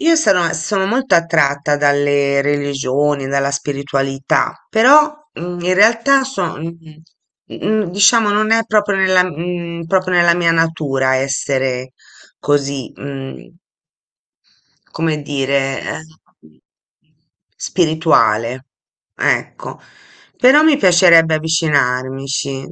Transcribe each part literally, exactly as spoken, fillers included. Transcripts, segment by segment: Io sono, sono molto attratta dalle religioni, dalla spiritualità, però mm, in realtà so- mm, mm, diciamo, non è proprio nella, mm, proprio nella mia natura essere così, mm, come dire, eh, spirituale. Ecco, però mi piacerebbe avvicinarmici.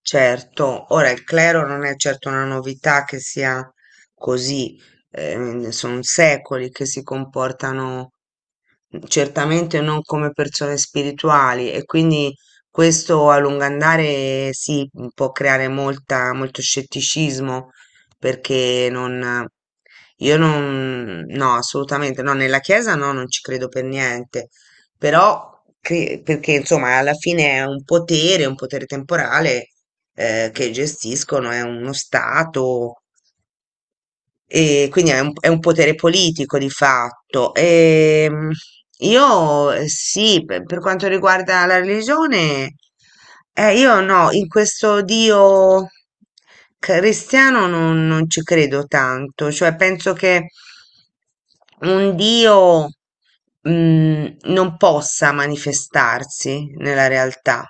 Certo, ora il clero non è certo una novità che sia così, ehm, sono secoli che si comportano certamente non come persone spirituali e quindi questo a lungo andare sì, m, può creare molta, molto scetticismo perché non, io non, no, assolutamente no, nella Chiesa no, non ci credo per niente però cre- perché insomma alla fine è un potere, un potere temporale eh, che gestiscono, è uno stato, e quindi è un, è un potere politico di fatto. Ehm, io eh, sì, per, per quanto riguarda la religione, eh, io no, in questo Dio cristiano non, non ci credo tanto, cioè penso che un Dio, mm, non possa manifestarsi nella realtà.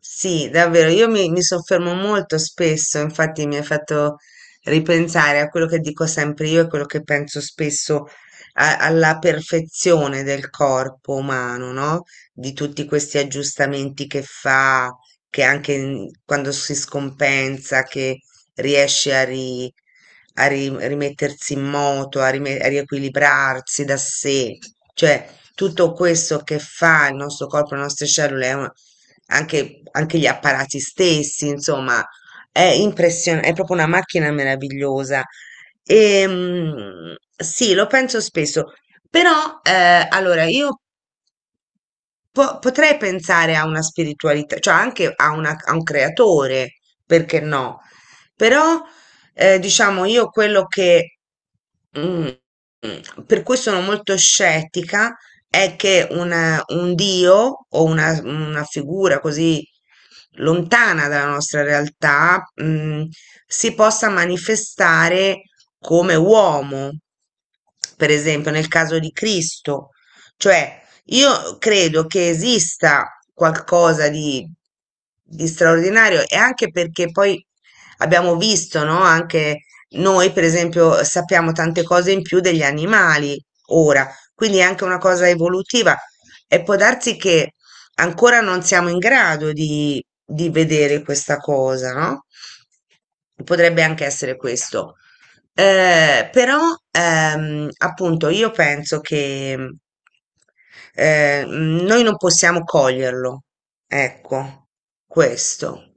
Sì, davvero, io mi, mi soffermo molto spesso, infatti mi hai fatto ripensare a quello che dico sempre io e quello che penso spesso a- alla perfezione del corpo umano, no? Di tutti questi aggiustamenti che fa, che anche in- quando si scompensa, che riesce a, ri- a ri- rimettersi in moto, a, rime- a riequilibrarsi da sé, cioè tutto questo che fa il nostro corpo, le nostre cellule è un- anche, anche gli apparati stessi, insomma, è impressionante, è proprio una macchina meravigliosa. E, sì, lo penso spesso, però eh, allora io Po- potrei pensare a una spiritualità, cioè anche a, una- a un creatore, perché no? Però, eh, diciamo, io quello che, mm, mm, per cui sono molto scettica, è che una- un Dio o una, una figura così lontana dalla nostra realtà, mm, si possa manifestare come uomo, per esempio nel caso di Cristo, cioè io credo che esista qualcosa di, di straordinario e anche perché poi abbiamo visto, no? Anche noi, per esempio, sappiamo tante cose in più degli animali ora, quindi è anche una cosa evolutiva e può darsi che ancora non siamo in grado di, di vedere questa cosa, no? Potrebbe anche essere questo. Eh, però ehm, appunto io penso che eh, mm, noi non possiamo coglierlo, ecco, questo.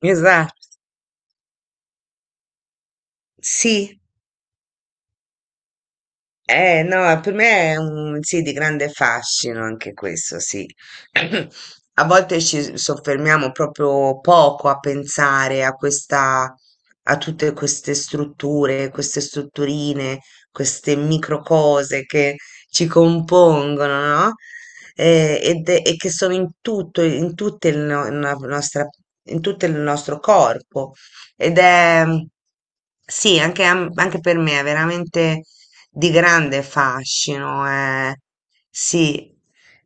Esatto. Sì. Eh, no, per me è un sì di grande fascino anche questo, sì. A volte ci soffermiamo proprio poco a pensare a questa, a tutte queste strutture, queste strutturine, queste micro cose che ci compongono, no? Eh, ed è- e che sono in tutto, in tutte il no- la nostra, in tutto il nostro corpo. Ed è, sì, anche, a m- anche per me è veramente di grande fascino, eh. Sì,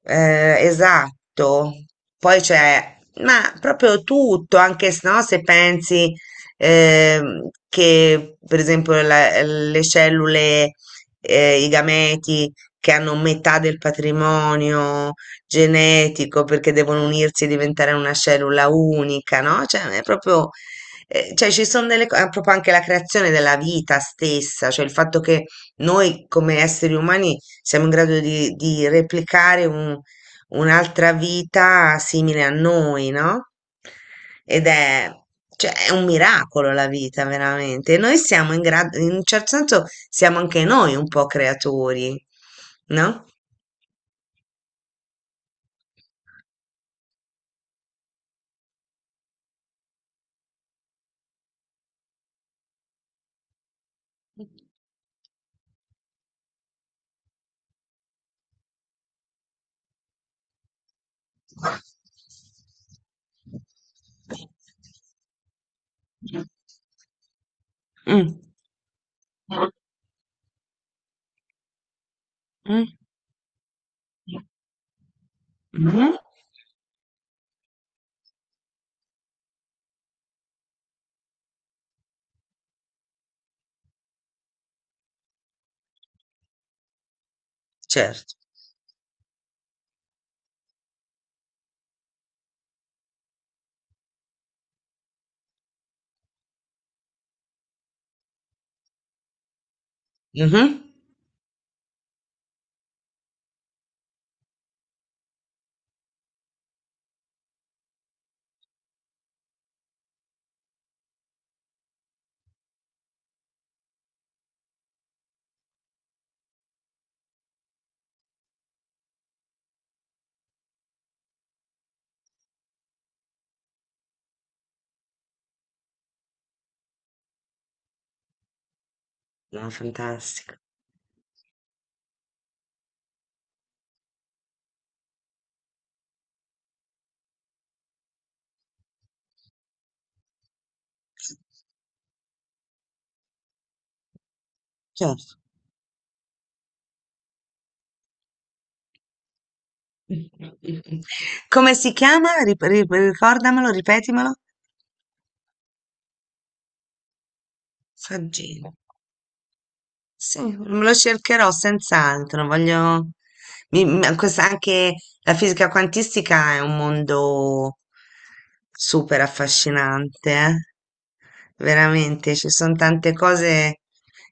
eh, esatto. Poi c'è, ma proprio tutto, anche se, no, se pensi ehm, che per esempio la- le cellule, eh, i gameti che hanno metà del patrimonio genetico perché devono unirsi e diventare una cellula unica, no? Cioè, è proprio, eh, cioè ci sono delle cose, proprio anche la creazione della vita stessa, cioè il fatto che noi come esseri umani siamo in grado di, di replicare un- un'altra vita simile a noi, no? Ed è, cioè, è un miracolo la vita, veramente. E noi siamo in grado, in un certo senso, siamo anche noi un po' creatori, no? Mm. Mm. Mhm. Certo. Mhm. No, fantastico. Certo. Come si chiama? Rip- rip- ricordamelo, ripetimelo. Saggina. Sì, me lo cercherò senz'altro. Voglio. Mi- mi- questa- anche la fisica quantistica è un mondo super affascinante, eh. Veramente, ci sono tante cose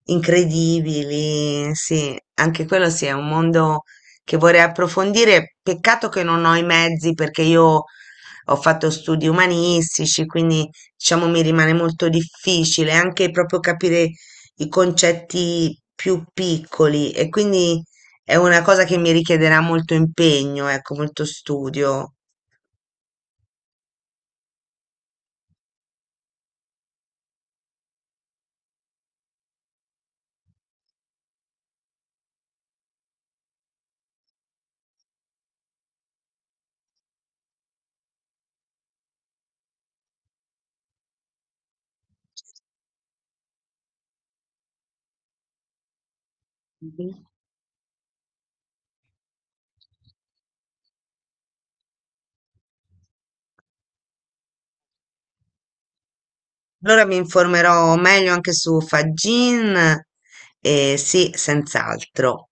incredibili. Sì, anche quello sì, è un mondo che vorrei approfondire. Peccato che non ho i mezzi perché io. Ho fatto studi umanistici, quindi diciamo mi rimane molto difficile anche proprio capire i concetti più piccoli e quindi è una cosa che mi richiederà molto impegno, ecco, molto studio. Mhm. Allora mi informerò meglio anche su Fagin e sì, senz'altro.